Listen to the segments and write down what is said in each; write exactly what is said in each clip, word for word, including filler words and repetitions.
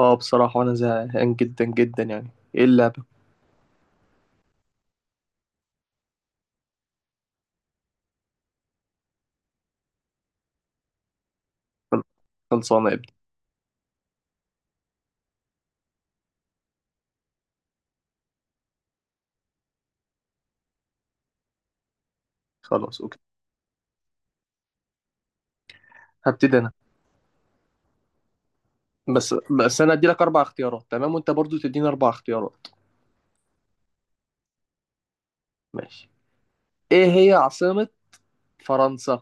اه بصراحة أنا زهقان جدا جدا يعني. إيه اللعبة؟ خلصانة يا ابني. خلاص أوكي، هبتدي أنا. بس بس أنا أدي لك أربع اختيارات، تمام؟ وأنت برضو تديني أربع اختيارات. ماشي. إيه هي عاصمة فرنسا؟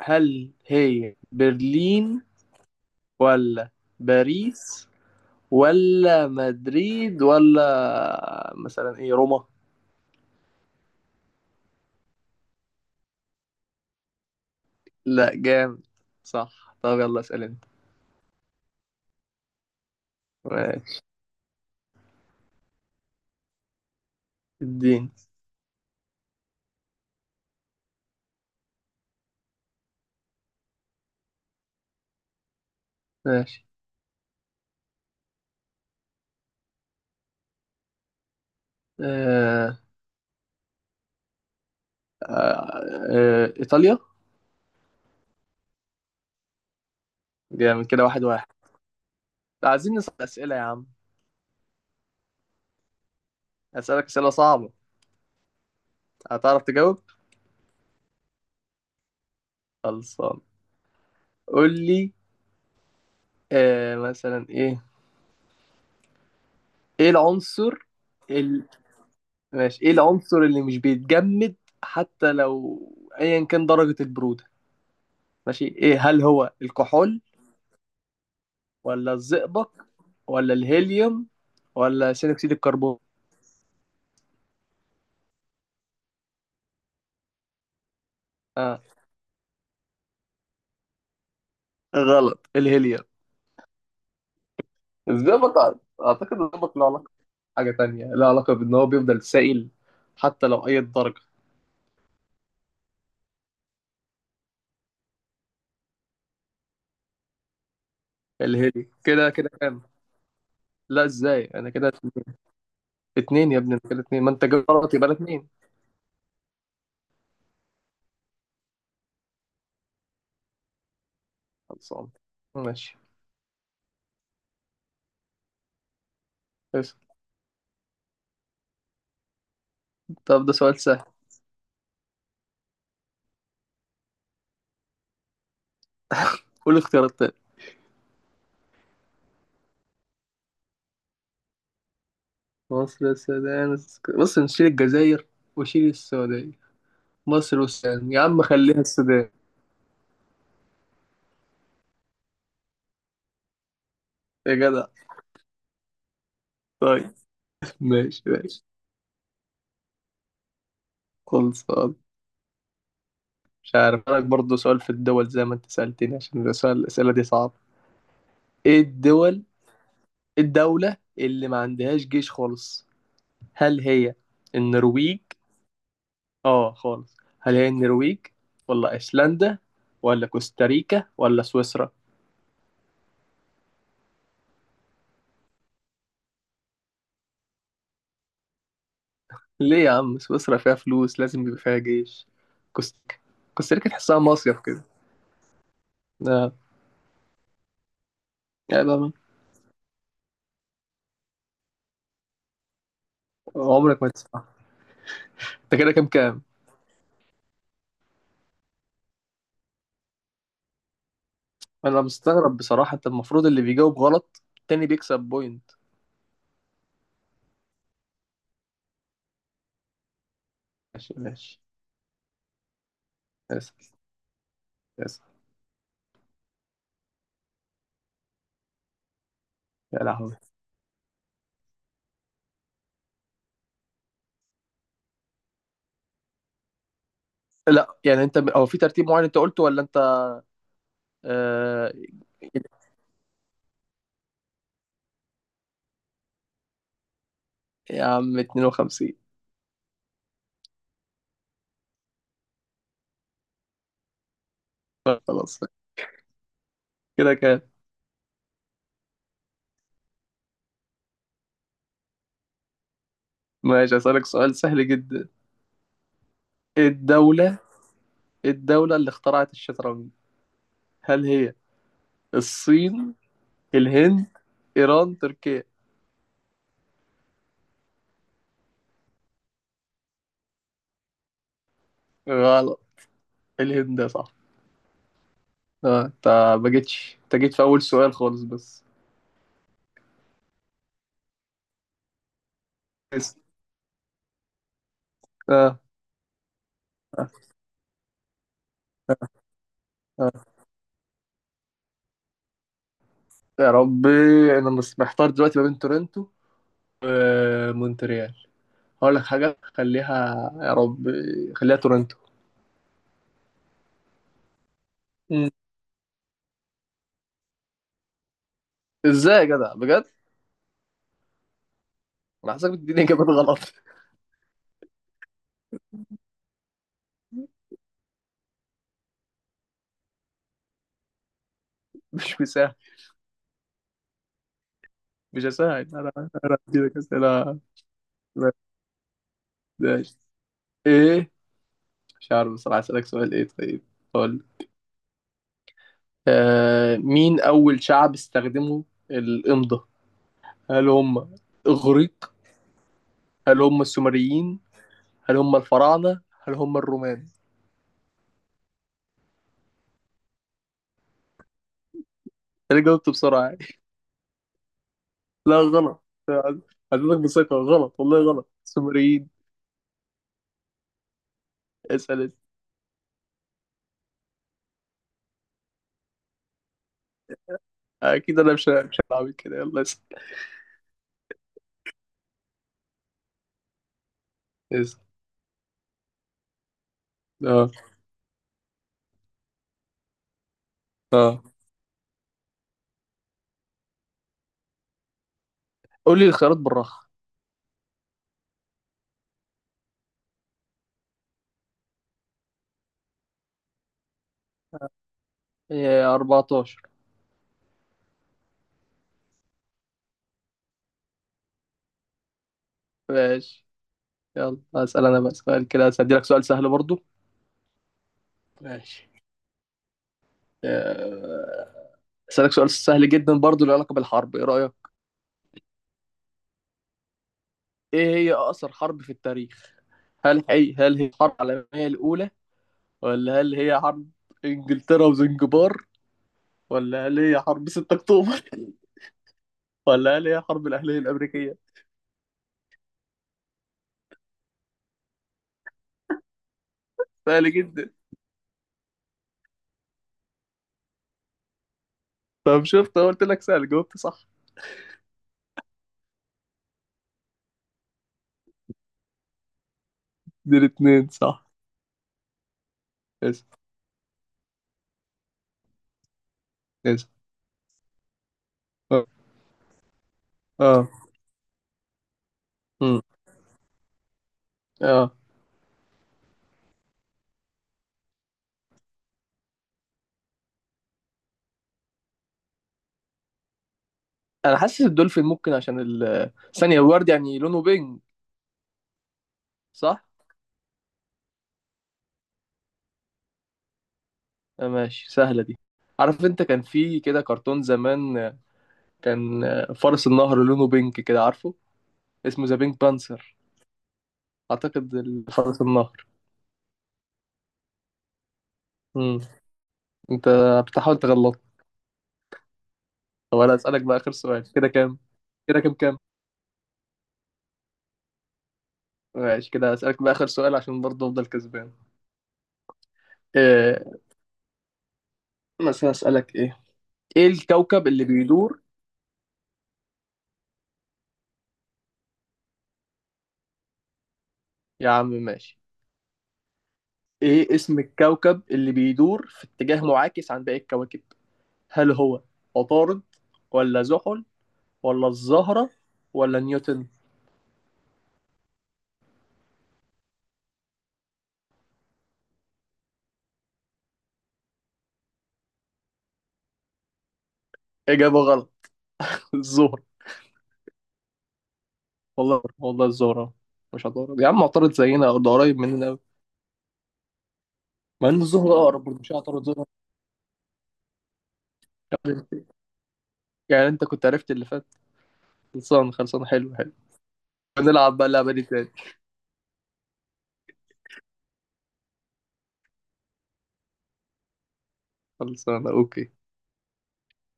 هل هي برلين ولا باريس ولا مدريد ولا مثلا إيه روما؟ لا جامد صح. طب يلا اسأل أنت. ماشي الدين. ماشي. آه آه آه إيطاليا. جامد كده، واحد واحد. عايزين نسأل أسئلة يا عم. أسألك أسئلة صعبة، هتعرف تجاوب؟ خلصان، قول لي. آه مثلا إيه. إيه العنصر ال... ماشي. إيه العنصر اللي مش بيتجمد حتى لو أيا كان درجة البرودة؟ ماشي إيه، هل هو الكحول ولا الزئبق ولا الهيليوم ولا ثاني أكسيد الكربون؟ آه غلط الهيليوم. الزئبق، أعتقد أعتقد الزئبق له علاقة، حاجة تانية له علاقة بإن هو بيفضل سائل حتى لو أي درجة. الهيلي كده كده كام؟ لا ازاي انا كده اتنين يا ابني، أنا كده اتنين، ما انت جبت غلط يبقى لك اتنين. خلصان ماشي. بس. طب ده سؤال سهل. قول اختيارات تاني. مصر، السودان، الس- بص نشيل الجزائر وشيل السعودية. مصر والسودان يا عم، خليها السودان. يا جدع. طيب. ماشي ماشي خلصان. مش عارف لك برضه سؤال في الدول زي ما انت سألتني عشان ده سؤال، الأسئلة دي صعبة. ايه الدول؟ إيه الدولة اللي ما عندهاش جيش خالص؟ هل هي النرويج؟ اه خالص، هل هي النرويج ولا ايسلندا ولا كوستاريكا ولا سويسرا؟ ليه يا عم، سويسرا فيها فلوس لازم يبقى فيها جيش. كوستاريكا. كوستاريكا تحسها مصيف كده. لا يعني بقى. عمرك ما تسمع. انت كده كام كام؟ انا مستغرب بصراحة، انت المفروض اللي بيجاوب غلط التاني بيكسب بوينت. ماشي ماشي. اسف اسف. يا لهوي. لا يعني انت هو في ترتيب معين انت قلته ولا انت؟ آه... يا عم اتنين وخمسين. خلاص. كده كام؟ ماشي. هسألك سؤال سهل جدا. الدولة، الدولة اللي اخترعت الشطرنج، هل هي الصين، الهند، إيران، تركيا؟ غلط، الهند صح. اه انت، ما جيتش، انت جيت في أول سؤال خالص بس. اسم. اه يا ربي، انا مس- محتار دلوقتي ما بين تورنتو ومونتريال. هقول لك حاجة خليها، يا ربي، خليها تورنتو. مم. ازاي يا جدع بجد؟ انا حاسسك بتديني اجابات غلط مش مساعد. مش هساعد انا، انا هديلك اسئله. ما- ماشي. ايه، مش عارف بصراحة أسألك سؤال إيه طيب، قول. آه مين أول شعب استخدموا الإمضة؟ هل هم الإغريق؟ هل هم السومريين؟ هل هم الفراعنة؟ هل هم الرومان؟ أنا جاوبت بسرعة يعني لا غلط، عدتك بثقة غلط، والله غلط السومريين. اسأل أنت. أكيد أنا مش مش هلعب كده. يلا اسأل. اسأل. أه أه. قول لي الخيارات بالراحة. إيه، اربعة عشر. ماشي. يلا أسأل أنا بقى سؤال، كده هسألك سؤال سهل برضو. ماشي. آه، اسالك سؤال سهل جدا برضو له علاقه بالحرب، ايه رايك؟ ايه هي اقصر حرب في التاريخ؟ هل هي هل هي الحرب العالميه الاولى ولا هل هي حرب انجلترا وزنجبار ولا هل هي حرب 6 اكتوبر ولا هل هي حرب الاهليه الامريكيه؟ سهل جدا. طب شفت، أنا قلت لك سهل، جاوبت صح. دي الاتنين صح. اسف اسف. اه اه. مم. اه انا حاسس الدولفين ممكن عشان ال آه، ثانيه الورد يعني لونه بينج، صح. آه، ماشي سهله دي. عارف انت كان في كده كرتون زمان، كان آه، فرس النهر لونه بينك كده، عارفه اسمه ذا بينك بانسر. اعتقد ال- فرس النهر. امم. انت بتحاول تغلط. طب انا اسالك بقى اخر سؤال، كده كام؟ كده كام كام؟ ماشي. كده اسالك بقى اخر سؤال عشان برضه افضل كسبان. إيه، مثلا اسالك ايه؟ ايه الكوكب اللي بيدور، يا عم ماشي. ايه اسم الكوكب اللي بيدور في اتجاه معاكس عن باقي الكواكب؟ هل هو عطارد ولا زحل ولا الزهرة ولا نيوتن؟ إجابة غلط الزهرة. والله والله الزهرة. مش هتعترض يا عم، اعترض زينا او ده قريب مننا قوي. مع ان الزهرة اقرب، برضه مش هعترض زهرة. مش عارف. يعني انت كنت عرفت اللي فات. خلصان خلصان، حلو حلو. هنلعب بقى اللعبة دي تاني. خلصانة اوكي.